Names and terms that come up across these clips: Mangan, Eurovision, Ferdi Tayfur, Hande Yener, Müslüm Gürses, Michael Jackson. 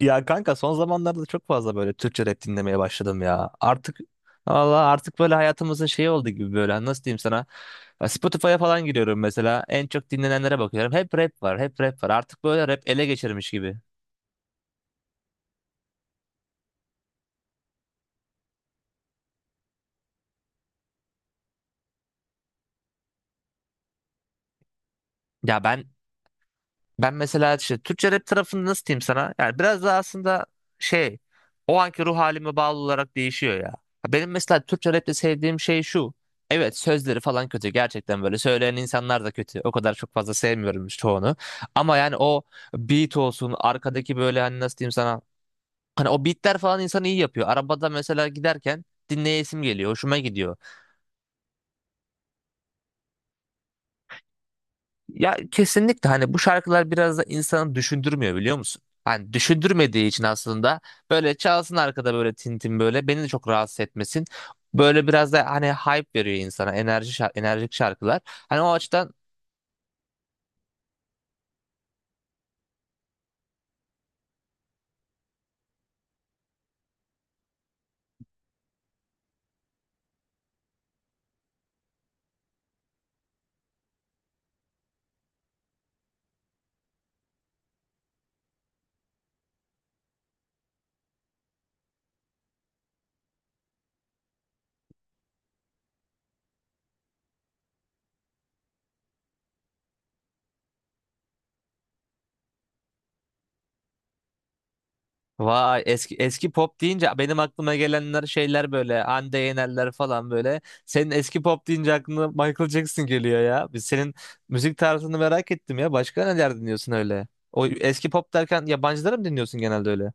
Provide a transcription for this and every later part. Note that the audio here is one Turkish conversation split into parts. Ya kanka son zamanlarda çok fazla böyle Türkçe rap dinlemeye başladım ya. Artık valla artık böyle hayatımızın şeyi oldu gibi böyle. Hani nasıl diyeyim sana? Ya Spotify'a falan giriyorum mesela, en çok dinlenenlere bakıyorum. Hep rap var, hep rap var, artık böyle rap ele geçirmiş gibi. Ya ben Ben mesela işte Türkçe rap tarafını nasıl diyeyim sana? Yani biraz da aslında şey o anki ruh halime bağlı olarak değişiyor ya. Ha, benim mesela Türkçe rapte sevdiğim şey şu. Evet, sözleri falan kötü, gerçekten böyle söyleyen insanlar da kötü. O kadar çok fazla sevmiyorum işte çoğunu. Ama yani o beat olsun arkadaki, böyle hani nasıl diyeyim sana. Hani o beatler falan insanı iyi yapıyor. Arabada mesela giderken dinleyesim geliyor, hoşuma gidiyor. Ya kesinlikle, hani bu şarkılar biraz da insanı düşündürmüyor, biliyor musun? Hani düşündürmediği için aslında böyle çalsın arkada, böyle tintin, böyle beni de çok rahatsız etmesin. Böyle biraz da hani hype veriyor insana, enerjik şarkılar. Hani o açıdan vay, eski pop deyince benim aklıma gelenler şeyler böyle Hande Yenerler falan böyle. Senin eski pop deyince aklına Michael Jackson geliyor ya. Biz senin müzik tarzını merak ettim ya. Başka neler dinliyorsun öyle? O eski pop derken yabancıları mı dinliyorsun genelde öyle?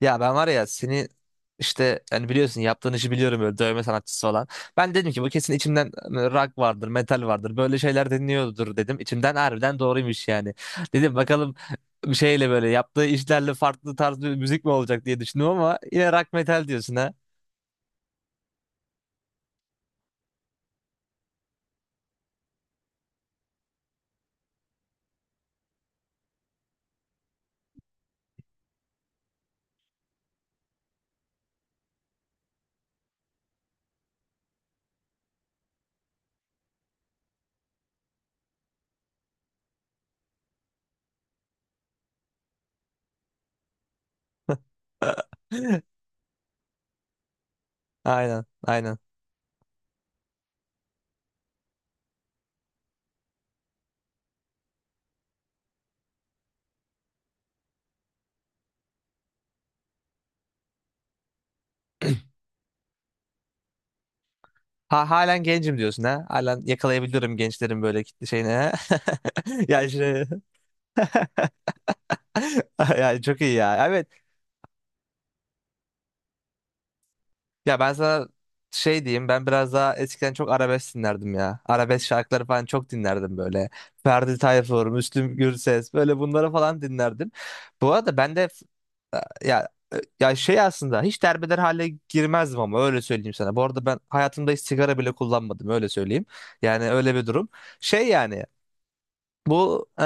Ya ben var ya seni, işte hani biliyorsun yaptığın işi biliyorum, böyle dövme sanatçısı olan. Ben dedim ki bu kesin içimden, hani rock vardır, metal vardır. Böyle şeyler dinliyordur dedim. İçimden harbiden doğruymuş yani. Dedim bakalım bir şeyle, böyle yaptığı işlerle farklı tarz bir müzik mi olacak diye düşündüm, ama yine rock metal diyorsun ha. Aynen, aynen. Ha, halen gencim diyorsun ha. Halen yakalayabiliyorum gençlerin böyle kitle şeyini ha. Ya işte. Yani çok iyi ya. Evet. Ya ben sana diyeyim, ben biraz daha eskiden çok arabesk dinlerdim ya. Arabesk şarkıları falan çok dinlerdim böyle. Ferdi Tayfur, Müslüm Gürses, böyle bunları falan dinlerdim. Bu arada ben de ya, aslında hiç derbeder hale girmezdim ama öyle söyleyeyim sana. Bu arada ben hayatımda hiç sigara bile kullanmadım, öyle söyleyeyim. Yani öyle bir durum. Şey yani bu e,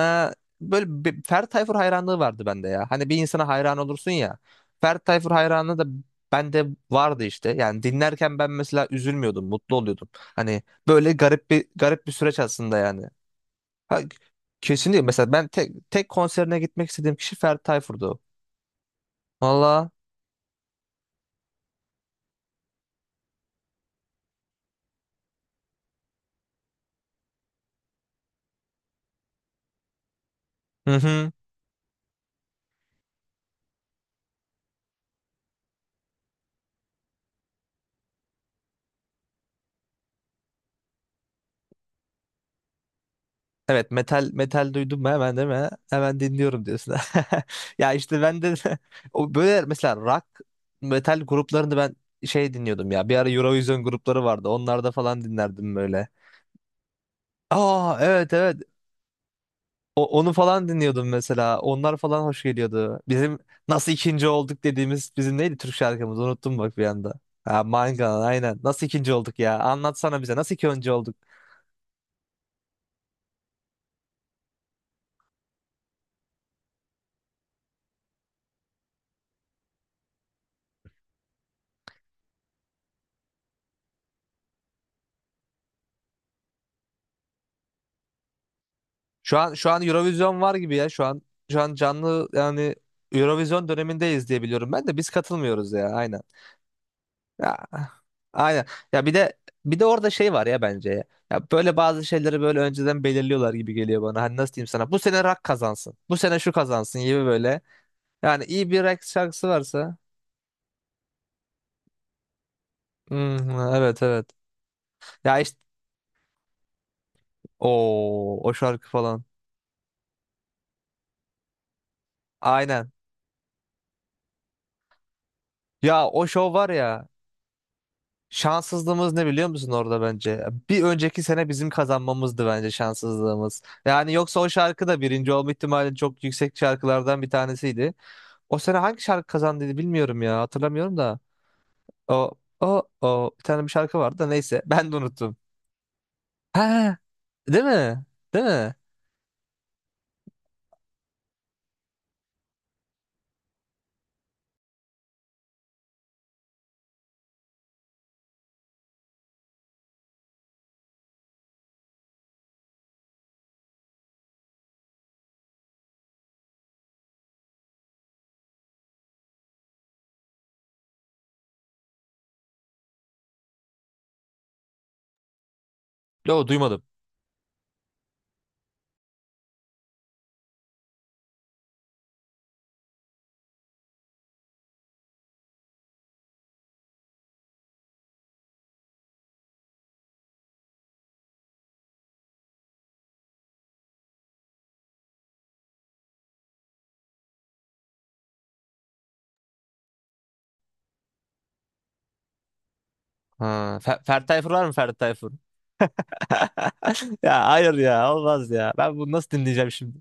böyle bir Ferdi Tayfur hayranlığı vardı bende ya. Hani bir insana hayran olursun ya. Ferdi Tayfur hayranlığı da bende vardı işte. Yani dinlerken ben mesela üzülmüyordum, mutlu oluyordum. Hani böyle garip bir süreç aslında yani. Ha, kesinlikle mesela ben tek tek konserine gitmek istediğim kişi Ferdi Tayfur'du. Valla. Hı hı. Evet, metal duydum mu hemen, değil mi? Hemen dinliyorum diyorsun. Ya işte ben de o böyle mesela rock metal gruplarını ben dinliyordum ya. Bir ara Eurovision grupları vardı. Onlarda falan dinlerdim böyle. Aa, evet evet. Onu falan dinliyordum mesela. Onlar falan hoş geliyordu. Bizim nasıl ikinci olduk dediğimiz bizim neydi Türk şarkımız? Unuttum bak bir anda. Ha, Mangan aynen. Nasıl ikinci olduk ya? Anlatsana bize, nasıl ikinci olduk? Şu an Eurovision var gibi ya. Şu an canlı yani, Eurovision dönemindeyiz diye biliyorum. Ben de biz katılmıyoruz ya, aynen. Ya aynen. Ya bir de orada şey var ya bence ya. Ya böyle bazı şeyleri böyle önceden belirliyorlar gibi geliyor bana. Hani nasıl diyeyim sana? Bu sene rock kazansın. Bu sene şu kazansın gibi böyle. Yani iyi bir rock şarkısı varsa. Hmm, evet evet. Ya işte o şarkı falan. Aynen. Ya o şov var ya. Şanssızlığımız ne biliyor musun orada bence? Bir önceki sene bizim kazanmamızdı bence şanssızlığımız. Yani yoksa o şarkı da birinci olma ihtimali çok yüksek şarkılardan bir tanesiydi. O sene hangi şarkı kazandıydı bilmiyorum ya, hatırlamıyorum da. O o bir şarkı vardı da, neyse, ben de unuttum. Ha, değil mi? Değil mi? Yo, duymadım. Ha, Ferdi Tayfur var mı, Ferdi Tayfur? Ya hayır ya, olmaz ya. Ben bunu nasıl dinleyeceğim şimdi?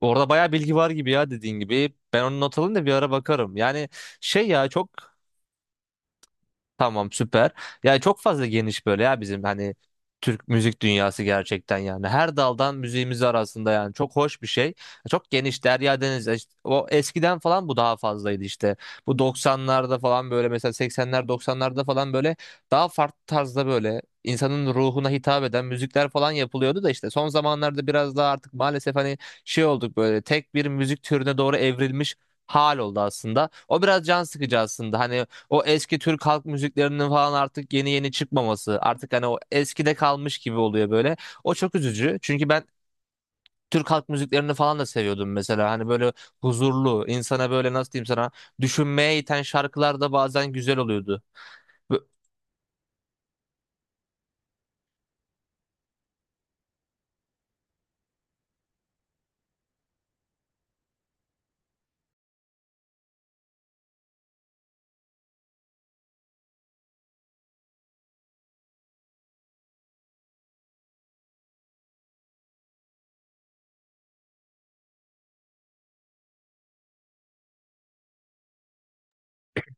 Orada bayağı bilgi var gibi ya, dediğin gibi. Ben onu not alayım da bir ara bakarım. Yani şey ya çok Tamam, süper. Yani çok fazla geniş böyle ya bizim hani Türk müzik dünyası gerçekten yani. Her daldan müziğimiz arasında, yani çok hoş bir şey. Çok geniş derya deniz. İşte o eskiden falan bu daha fazlaydı işte. Bu 90'larda falan, böyle mesela 80'ler 90'larda falan, böyle daha farklı tarzda, böyle insanın ruhuna hitap eden müzikler falan yapılıyordu da, işte son zamanlarda biraz daha artık maalesef hani şey olduk, böyle tek bir müzik türüne doğru evrilmiş hal oldu aslında. O biraz can sıkıcı aslında. Hani o eski Türk halk müziklerinin falan artık yeni yeni çıkmaması. Artık hani o eskide kalmış gibi oluyor böyle. O çok üzücü. Çünkü ben Türk halk müziklerini falan da seviyordum mesela. Hani böyle huzurlu, insana böyle nasıl diyeyim sana, düşünmeye iten şarkılar da bazen güzel oluyordu. Bö-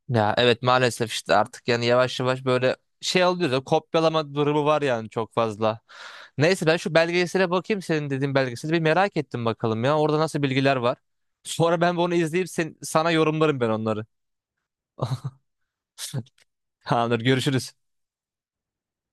Ya evet, maalesef, işte artık yani yavaş yavaş böyle şey oluyor ya, kopyalama durumu var yani çok fazla. Neyse, ben şu belgesele bakayım, senin dediğin belgeseli bir merak ettim, bakalım ya orada nasıl bilgiler var. Sonra ben bunu izleyip sen, sana yorumlarım ben onları. Tamamdır, görüşürüz.